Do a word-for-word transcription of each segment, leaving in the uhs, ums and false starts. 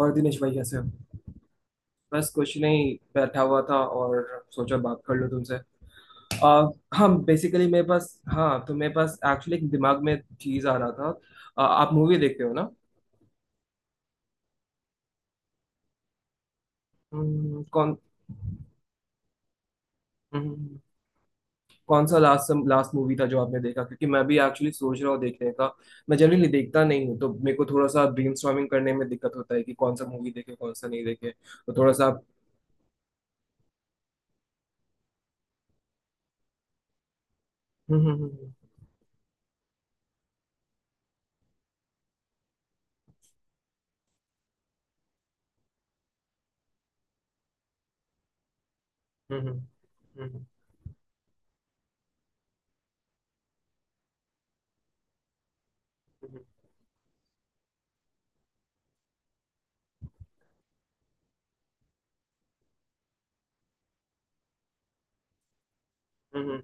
और दिनेश भाई, कैसे हो। बस कुछ नहीं, बैठा हुआ था और सोचा बात कर लूँ तुमसे। आ, हाँ, बेसिकली मेरे पास, हाँ तो मेरे पास एक्चुअली एक दिमाग में चीज आ रहा था। आ, आप मूवी देखते हो ना। हम्म, कौन। हम्म, कौन सा लास्ट लास्ट मूवी था जो आपने देखा, क्योंकि मैं भी एक्चुअली सोच रहा हूँ देखने का। मैं जनरली देखता नहीं हूँ, तो मेरे को थोड़ा सा ब्रेनस्टॉर्मिंग करने में दिक्कत होता है कि कौन सा मूवी देखे कौन सा नहीं देखे, तो थोड़ा सा आप। हम्म। हम्म। हम्म। हम्म। हम्म। हम्म। हम्म। हम्म, हम्म,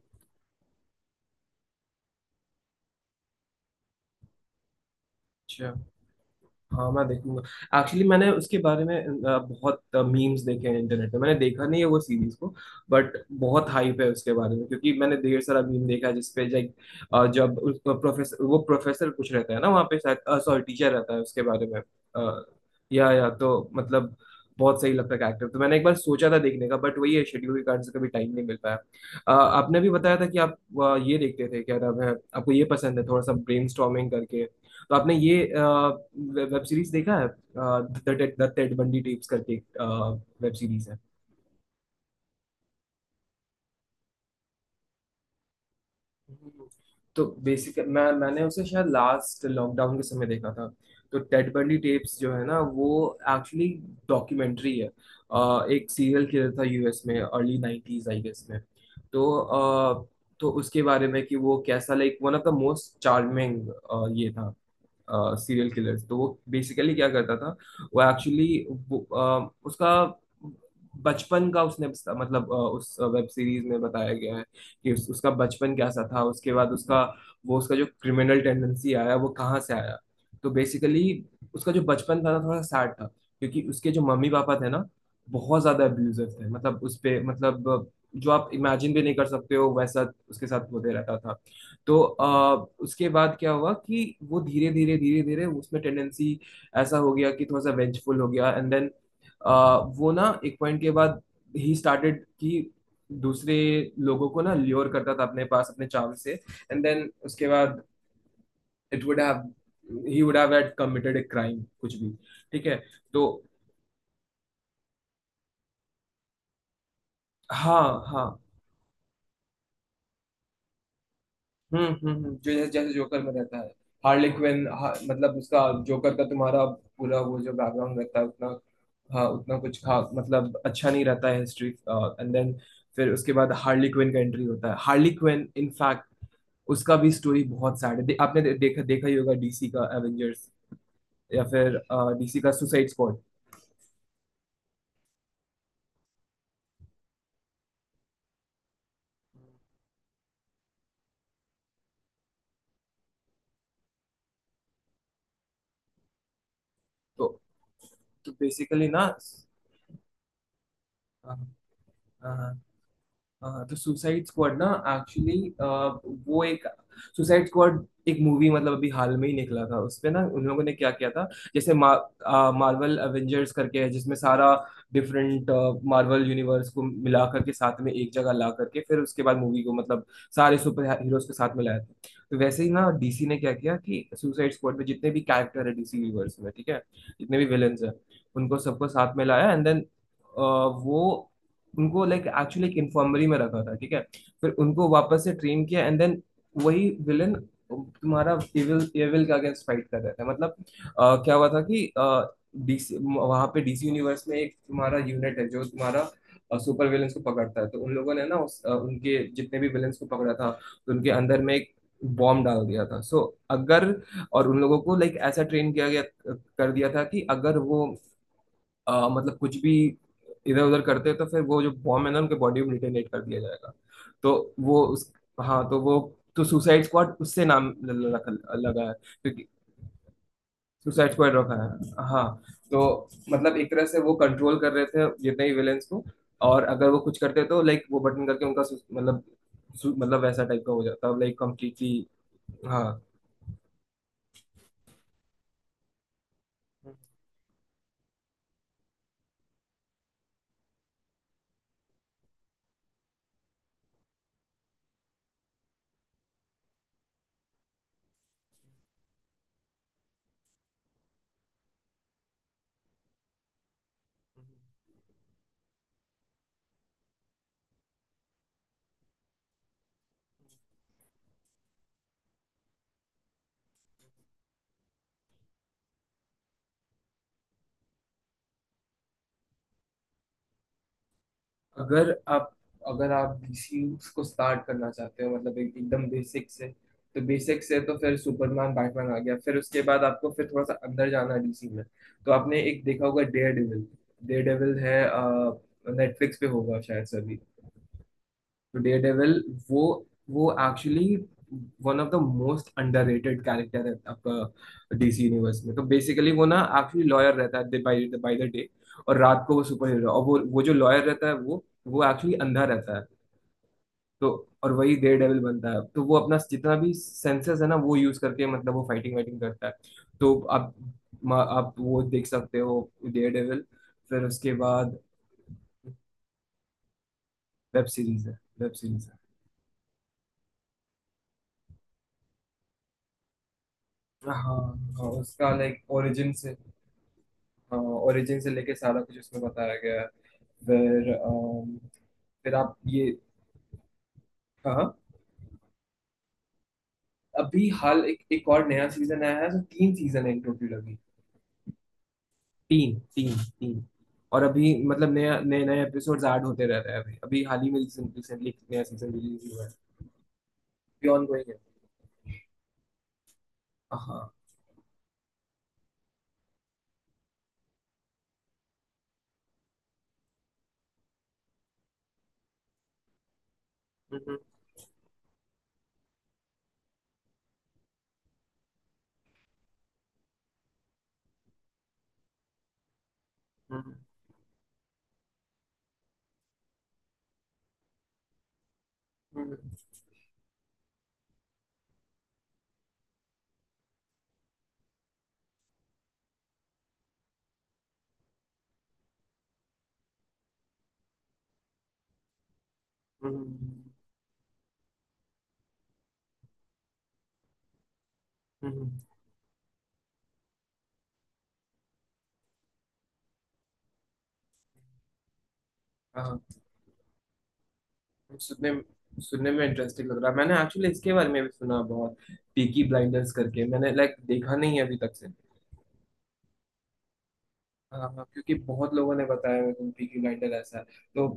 हम्म, हाँ, मैं देखूंगा। एक्चुअली मैंने उसके बारे में अ, बहुत मीम्स देखे हैं इंटरनेट पे, मैंने देखा नहीं है वो सीरीज को। बट बहुत हाइप है उसके बारे में, क्योंकि मैंने ढेर सारा मीम देखा है जिसपे लाइक जब उसको प्रोफेसर वो प्रोफेसर कुछ रहता है ना वहाँ पे, सॉरी टीचर रहता है, उसके बारे में। अ, या या तो मतलब बहुत सही लगता है कैरेक्टर, तो मैंने एक बार सोचा था देखने का, बट वही है, शेड्यूल के कारण से कभी टाइम नहीं मिल पाया। अ, आपने भी बताया था कि आप अ, ये देखते थे, क्या नाम है, आपको ये पसंद है थोड़ा सा ब्रेन करके। तो आपने ये वेब सीरीज देखा है द टेड बंडी टेप्स करके? वेब सीरीज है। हम्म, तो बेसिक मैं मैंने उसे शायद लास्ट लॉकडाउन के समय देखा था। तो टेड बंडी टेप्स जो है ना, वो एक्चुअली डॉक्यूमेंट्री है। अ, एक सीरियल किलर था यूएस में अर्ली नाइन्टीज आई गेस में। तो अ, तो उसके बारे में, कि वो कैसा, like one of the most charming ये था सीरियल किलर। तो वो बेसिकली क्या करता था, वो एक्चुअली उसका बचपन का, उसने मतलब अ, उस वेब सीरीज में बताया गया है कि उस, उसका बचपन कैसा था, उसके बाद उसका वो, उसका जो क्रिमिनल टेंडेंसी आया वो कहाँ से आया। तो बेसिकली उसका जो बचपन था ना, थोड़ा सैड था, क्योंकि उसके जो मम्मी पापा थे ना, बहुत ज्यादा अब्यूजिव थे, मतलब उस पे, मतलब जो आप इमेजिन भी नहीं कर सकते हो वैसा उसके साथ होते रहता था। तो अ, उसके बाद क्या हुआ कि वो धीरे धीरे धीरे धीरे उसमें टेंडेंसी ऐसा हो गया कि थोड़ा सा वेंचफुल हो गया, एंड देन वो ना एक पॉइंट के बाद ही स्टार्टेड कि दूसरे लोगों को ना ल्योर करता था अपने पास अपने चाव से। एंड देन उसके बाद it would have he would have had committed a crime कुछ भी। ठीक है। तो। हाँ। हाँ। हम्म। हम्म। हम्म, जो जैसे जैसे जोकर में रहता है हार्ली क्विन। हा, मतलब उसका जोकर का तुम्हारा पूरा वो जो बैकग्राउंड रहता है उतना। हाँ, उतना कुछ खा मतलब अच्छा नहीं रहता है हिस्ट्री, एंड देन फिर उसके बाद हार्ली क्विन का एंट्री होता है। हार्ली क्विन इनफैक्ट उसका भी स्टोरी बहुत सैड है। दे, आपने दे, देखा देखा ही होगा डीसी का एवेंजर्स या फिर डीसी का सुसाइड स्क्वाड। तो तो बेसिकली ना। हाँ। हाँ, तो सुसाइड स्क्वाड ना, एक्चुअली वो एक सुसाइड स्क्वाड, एक मूवी मतलब अभी हाल में ही निकला था, उसपे ना उन लोगों ने क्या किया था, जैसे मा, मार्वल एवेंजर्स करके है जिसमें सारा डिफरेंट मार्वल यूनिवर्स को मिला करके साथ में एक जगह ला करके फिर उसके बाद मूवी को मतलब सारे सुपर हीरोज के साथ में लाया था। तो वैसे ही ना, डीसी ने क्या किया, कि सुसाइड स्क्वाड में जितने भी कैरेक्टर है डीसी यूनिवर्स में, ठीक है, जितने भी विलन्स हैं, उनको सबको साथ में लाया, एंड देन वो उनको लाइक एक्चुअली एक इन्फर्मरी में रखा था, ठीक है। फिर उनको वापस से ट्रेन किया, एंड देन वही विलन तुम्हारा एविल, एविल के अगेंस्ट फाइट कर रहा था मतलब। अ, क्या हुआ था कि डीसी वहां पे, डीसी यूनिवर्स में एक तुम्हारा यूनिट है जो तुम्हारा सुपर विलन्स को पकड़ता है, तो उन लोगों ने ना उस, अ, उनके जितने भी विलन्स को पकड़ा था, तो उनके अंदर में एक बॉम्ब डाल दिया था। सो अगर और उन लोगों को लाइक ऐसा ट्रेन किया गया, कर दिया था कि अगर वो अ, मतलब कुछ भी इधर उधर करते हैं तो फिर वो जो बॉम्ब है ना उनके बॉडी में डिटोनेट कर दिया जाएगा। तो वो उस, हाँ, तो वो, तो सुसाइड स्क्वाड उससे नाम ल- ल- रखा- लगा है, क्योंकि सुसाइड स्क्वाड रखा है हाँ। तो मतलब एक तरह से वो कंट्रोल कर रहे थे जितने ही विलेंस को, और अगर वो कुछ करते तो लाइक वो बटन करके उनका सु- मतलब सु- मतलब वैसा टाइप का हो जाता लाइक कंप्लीटली। हाँ, अगर आप अगर आप डीसी को स्टार्ट करना चाहते हो, मतलब एक, एकदम बेसिक से, तो बेसिक से तो फिर सुपरमैन बैटमैन आ गया। फिर उसके बाद आपको फिर थोड़ा सा अंदर जाना है डीसी में, तो आपने एक देखा होगा डेयर डेविल। डेयर डेविल है, नेटफ्लिक्स पे होगा शायद से अभी। तो डेयरडेविल वो, वो actually one of the most underrated character है आपका डीसी यूनिवर्स में। तो बेसिकली वो ना एक्चुअली लॉयर रहता है by the by the day, और रात को वो सुपर हीरो। और वो वो जो लॉयर रहता है वो वो एक्चुअली अंधा रहता है, तो, और वही डेयर डेविल बनता है। तो वो अपना जितना भी सेंसेस है ना, वो यूज करके मतलब वो फाइटिंग वाइटिंग करता है। तो आप म- आप वो देख सकते हो डेयर डेविल। फिर उसके बाद वेब सीरीज है, वेब सीरीज है। हाँ हाँ, उसका लाइक ओरिजिन से, ओरिजिन से लेके सारा कुछ उसमें बताया गया है। फिर अम, फिर आप ये। हाँ हाँ। अभी हाल एक एक और नया सीजन आया है, तो तीन सीजन है टोटल अभी। तीन, तीन, तीन। और अभी मतलब नया, नए नए एपिसोड्स ऐड होते रह रहे हैं अभी। अभी हाल ही में रिसेंटली एक नया सीजन रिलीज हुआ है। अभी ऑन गोइंग है। हाँ। हम्म, हम्म, हम्म, हम्म, हम्म, हाँ, सुनने सुनने में इंटरेस्टिंग लग रहा है। मैंने एक्चुअली इसके बारे में भी सुना बहुत, पीकी ब्लाइंडर्स करके, मैंने लाइक देखा नहीं है अभी तक से। हाँ हाँ, क्योंकि बहुत लोगों ने बताया मेरे को पीकी ब्लाइंडर ऐसा है। तो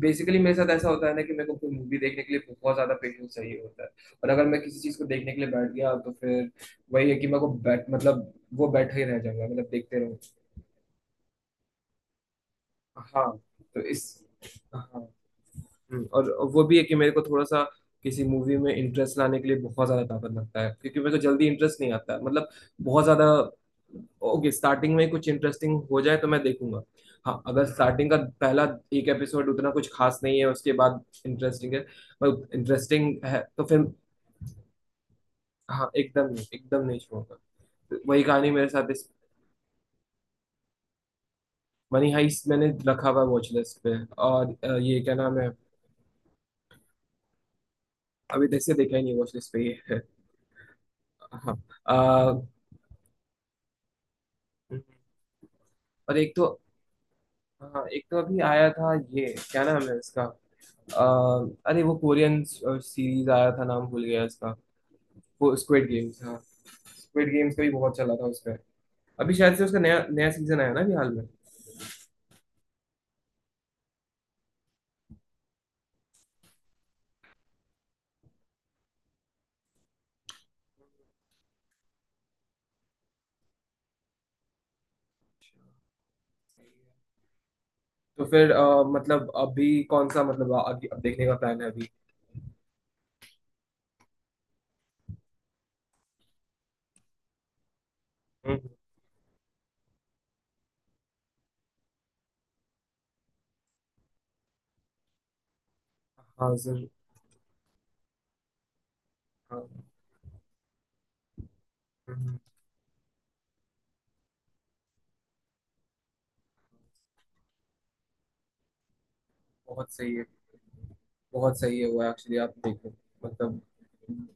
बेसिकली मेरे साथ ऐसा होता है ना, कि मेरे को कोई मूवी देखने के लिए बहुत ज्यादा पेशेंस चाहिए होता है, और अगर मैं किसी चीज को देखने के लिए बैठ गया तो फिर वही है कि मेरे को बैठ, मतलब वो बैठा ही रह जाऊंगा, मतलब देखते रहूँ। हाँ, तो इस, हाँ, हम्म, और वो भी है कि मेरे को थोड़ा सा किसी मूवी में इंटरेस्ट लाने के लिए बहुत ज्यादा ताकत लगता है, क्योंकि मेरे को जल्दी इंटरेस्ट नहीं आता मतलब, बहुत ज्यादा। ओके, स्टार्टिंग में कुछ इंटरेस्टिंग हो जाए तो मैं देखूंगा। हाँ, अगर स्टार्टिंग का पहला एक एपिसोड उतना कुछ खास नहीं है, उसके बाद इंटरेस्टिंग है, मतलब इंटरेस्टिंग है तो फिर। हाँ, एकदम नहीं, एकदम नहीं छोड़ूंगा। तो वही कहानी मेरे साथ इस। मनी हाइस्ट मैंने रखा हुआ है वॉच लिस्ट पे, और अ, ये क्या नाम है, अभी तक से देखा ही नहीं, वॉच लिस्ट पे ये है। हाँ। अ, और एक तो, हाँ, एक तो अभी आया था ये, क्या नाम है इसका। अ, अरे, वो कोरियन सीरीज आया था, नाम भूल गया इसका। वो स्क्विड गेम्स, हाँ, स्क्विड गेम्स का भी बहुत चला था उसका। अभी शायद से उसका नया नया सीजन आया ना अभी हाल में। तो फिर अ, मतलब अभी कौन सा, मतलब अभी अब देखने का प्लान है अभी। हम्म। हाँ जरूर। हाँ। हम्म, बहुत सही है, बहुत सही है, वो एक्चुअली आप देखो, मतलब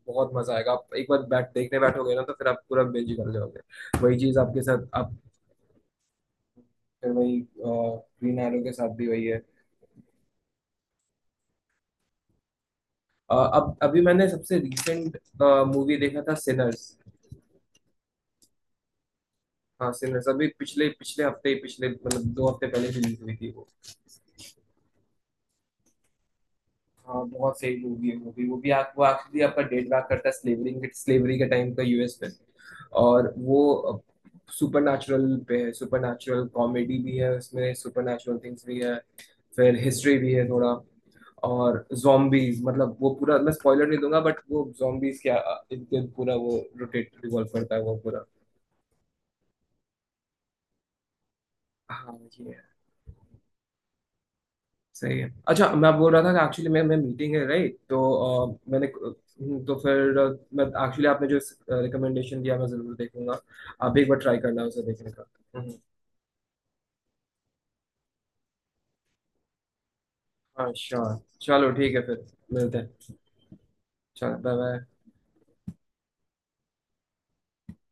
बहुत मजा आएगा, आप एक बार बैठ देखने बैठोगे ना तो फिर आप पूरा बिंज कर जाओगे। वही चीज आपके साथ, आप फिर वही, ग्रीन एरो के साथ भी वही है। अ, अब अभी मैंने सबसे रिसेंट मूवी देखा था, सिनर्स। हाँ, सिनर्स अभी पिछले पिछले हफ्ते ही, पिछले मतलब दो हफ्ते पहले रिलीज हुई थी वो। हाँ, बहुत सही मूवी है, वो भी। वो भी आप वो एक्चुअली आपका डेट बैक करता है स्लेवरी के, स्लेवरी के टाइम का यूएस पे। और वो सुपर नेचुरल पे है, सुपर नेचुरल कॉमेडी भी है उसमें, सुपर नेचुरल थिंग्स भी है, फिर हिस्ट्री भी है थोड़ा। और zombies मतलब, वो पूरा मैं स्पॉइलर नहीं दूंगा, बट वो zombies क्या, इनके पूरा वो रोटेट रिवॉल्व करता है वो पूरा। हाँ ये है। सही है, अच्छा, मैं बोल रहा था कि एक्चुअली मैं मैं मीटिंग है राइट, तो अ, मैंने, हम्म, तो फिर अ, मैं एक्चुअली, आपने जो रिकमेंडेशन दिया मैं जरूर देखूंगा। आप भी एक बार ट्राई करना उसे देखने का। हम्म, हाँ श्योर, चलो ठीक है फिर मिलते हैं। चलो, बाय बाय।